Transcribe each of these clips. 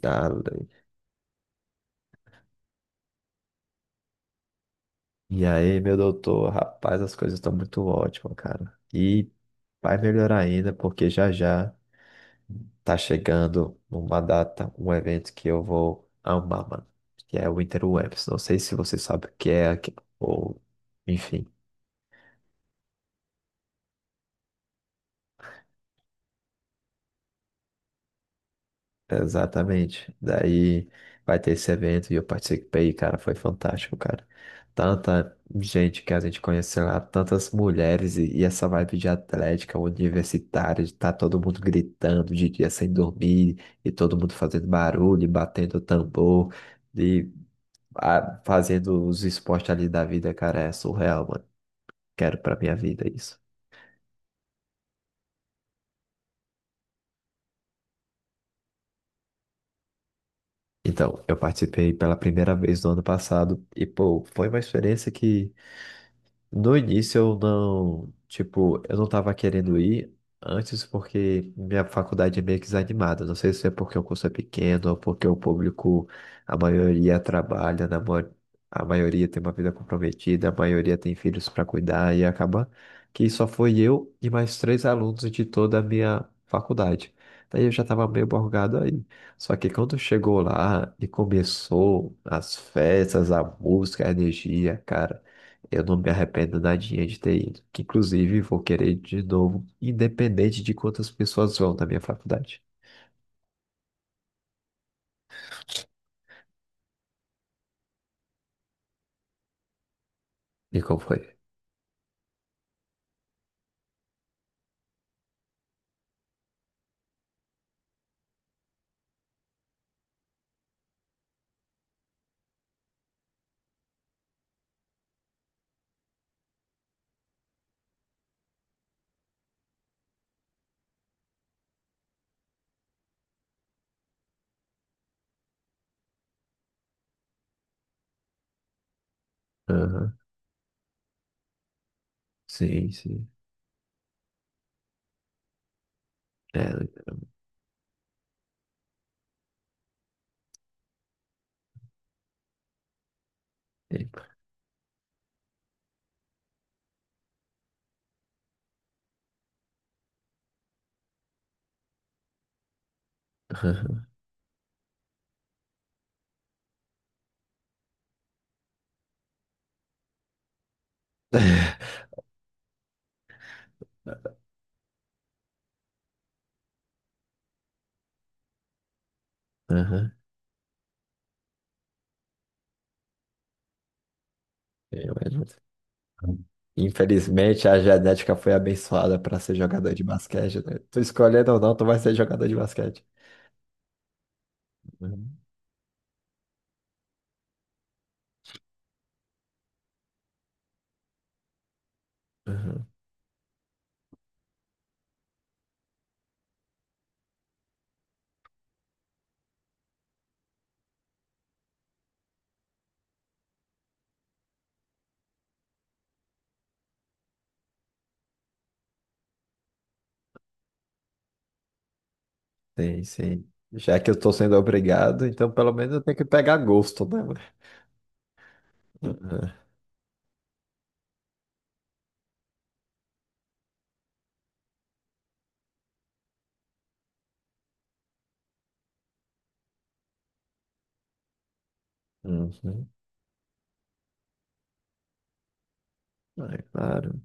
Darling. E aí, meu doutor, rapaz, as coisas estão muito ótimas, cara. E vai melhorar ainda, porque já já tá chegando uma data, um evento que eu vou amar, mano. Que é o Interwebs. Não sei se você sabe o que é, ou enfim. Exatamente. Daí vai ter esse evento e eu participei, cara, foi fantástico, cara. Tanta gente que a gente conheceu lá, tantas mulheres e essa vibe de atlética universitária, de tá todo mundo gritando de dia sem dormir e todo mundo fazendo barulho, e batendo tambor e fazendo os esportes ali da vida, cara, é surreal, mano. Quero pra minha vida isso. Então, eu participei pela primeira vez no ano passado e, pô, foi uma experiência que no início eu não, tipo, eu não tava querendo ir antes porque minha faculdade é meio que desanimada. Não sei se é porque o curso é pequeno ou porque o público, a maioria trabalha, a maioria tem uma vida comprometida, a maioria tem filhos para cuidar e acaba que só foi eu e mais três alunos de toda a minha faculdade. Daí eu já tava meio borgado aí. Só que quando chegou lá e começou as festas, a música, a energia, cara. Eu não me arrependo nadinha de ter ido. Que, inclusive, vou querer ir de novo, independente de quantas pessoas vão na minha faculdade. E como foi? Aham, sim, sim. É, é, aham, aham, é, mas- infelizmente, a genética foi abençoada para ser jogador de basquete, né? Tu escolhendo ou não, tu vai ser jogador de basquete. Uhum, uhum. Sim, sim. Já que eu tô sendo obrigado, então pelo menos eu tenho que pegar gosto, né, mano? Uhum, uhum. Ah, é claro.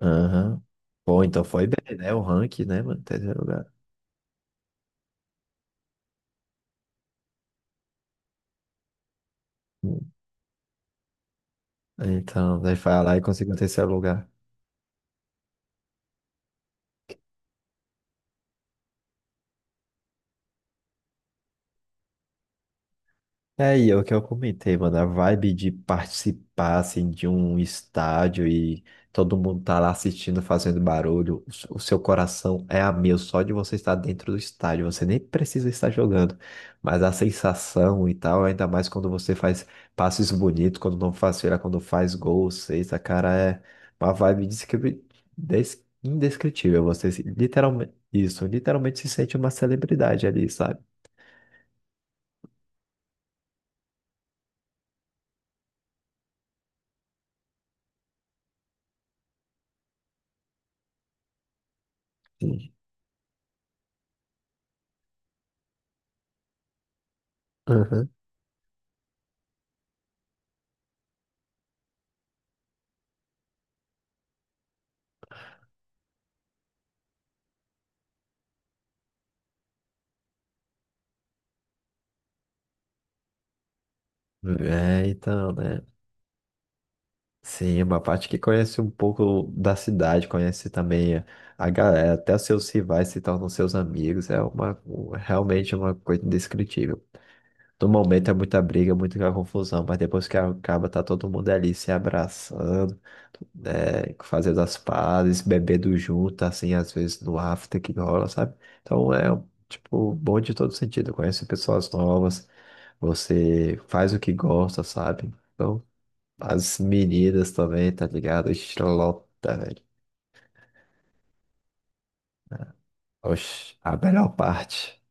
Aham. Bom, então foi bem, né? O ranking, né, mano? Terceiro lugar. Então, daí foi lá e conseguiu o terceiro lugar. É, e é o que eu comentei, mano, a vibe de participar, assim, de um estádio e todo mundo tá lá assistindo, fazendo barulho, o seu coração é a mil só de você estar dentro do estádio, você nem precisa estar jogando, mas a sensação e tal, ainda mais quando você faz passes bonitos, quando não faz feira, quando faz gol, sexta, cara, é uma vibe indescritível, você se- literalmente, isso, literalmente se sente uma celebridade ali, sabe? Sim. Aham. É, então, né? Sim, uma parte que conhece um pouco da cidade, conhece também a galera, até os seus rivais se tornam seus amigos, é realmente uma coisa indescritível. No momento é muita briga, muita confusão, mas depois que acaba, tá todo mundo ali se abraçando, né, fazendo as pazes, bebendo junto, assim, às vezes no after que rola, sabe? Então é, tipo, bom de todo sentido, conhece pessoas novas, você faz o que gosta, sabe? Então as meninas também, tá ligado? Estrelota, velho. Oxe, a melhor parte.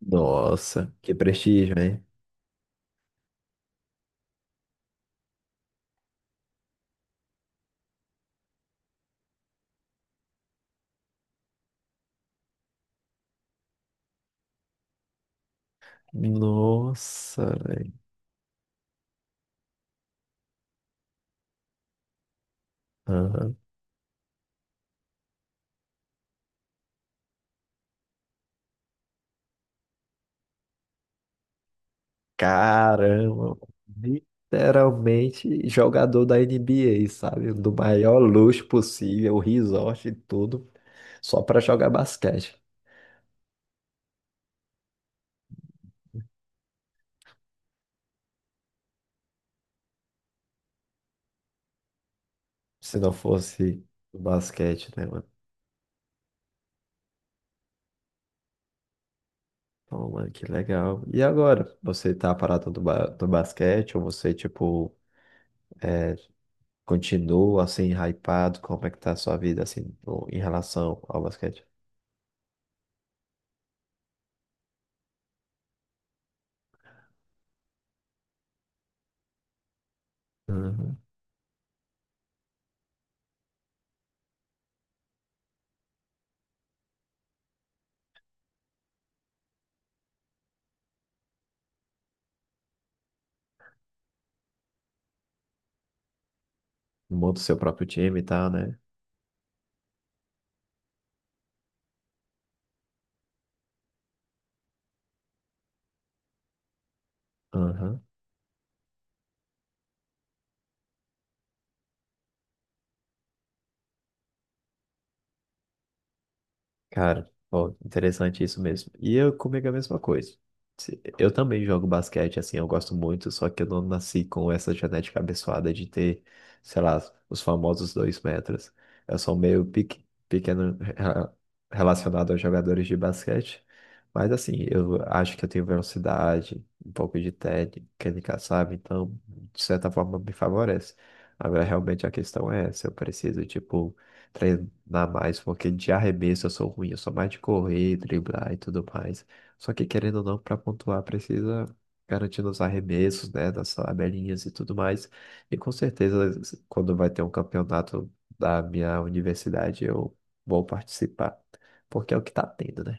Nossa, que prestígio, hein? Nossa, velho. Aham. Caramba. Literalmente jogador da NBA sabe? Do maior luxo possível, o resort e tudo, só pra jogar basquete. Se não fosse o basquete, né, mano? Então, mano, que legal. E agora? Você tá parado do, ba do basquete ou você, tipo. Continua assim, hypado? Como é que tá a sua vida assim, em relação ao basquete? Uhum. Monta o seu próprio time e tal, né? Aham. Cara, ó, interessante isso mesmo. E eu comigo é a mesma coisa. Eu também jogo basquete, assim, eu gosto muito, só que eu não nasci com essa genética abençoada de ter, sei lá, os famosos 2 metros. Eu sou pequeno relacionado aos jogadores de basquete, mas assim, eu acho que eu tenho velocidade, um pouco de técnica, sabe? Então, de certa forma, me favorece. Agora, realmente, a questão é se eu preciso, tipo, treinar mais, porque de arremesso eu sou ruim, eu sou mais de correr, driblar e tudo mais. Só que querendo ou não, para pontuar, precisa garantir nos arremessos, né, nas tabelinhas e tudo mais. E com certeza, quando vai ter um campeonato da minha universidade, eu vou participar, porque é o que tá tendo, né?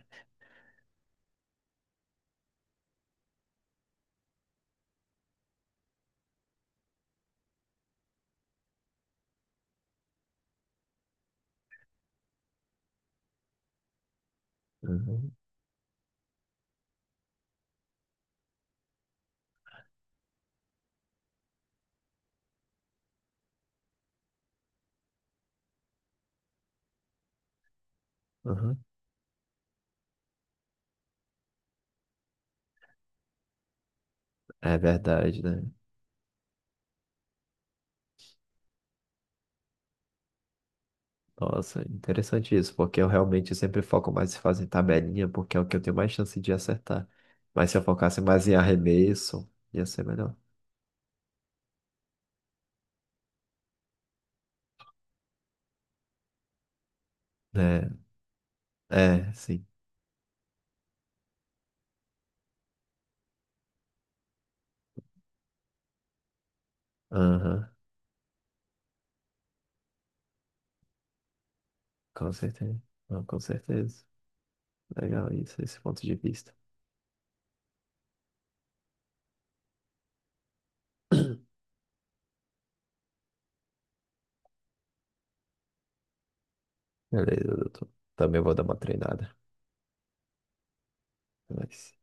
Uhum, uhum. É verdade, né? Nossa, interessante isso, porque eu realmente sempre foco mais em fazer tabelinha, porque é o que eu tenho mais chance de acertar. Mas se eu focasse mais em arremesso, ia ser melhor. É, é, sim. Aham, com certeza. Não, com certeza. Legal isso, esse ponto de vista. Beleza, doutor. Também vou dar uma treinada. Mas...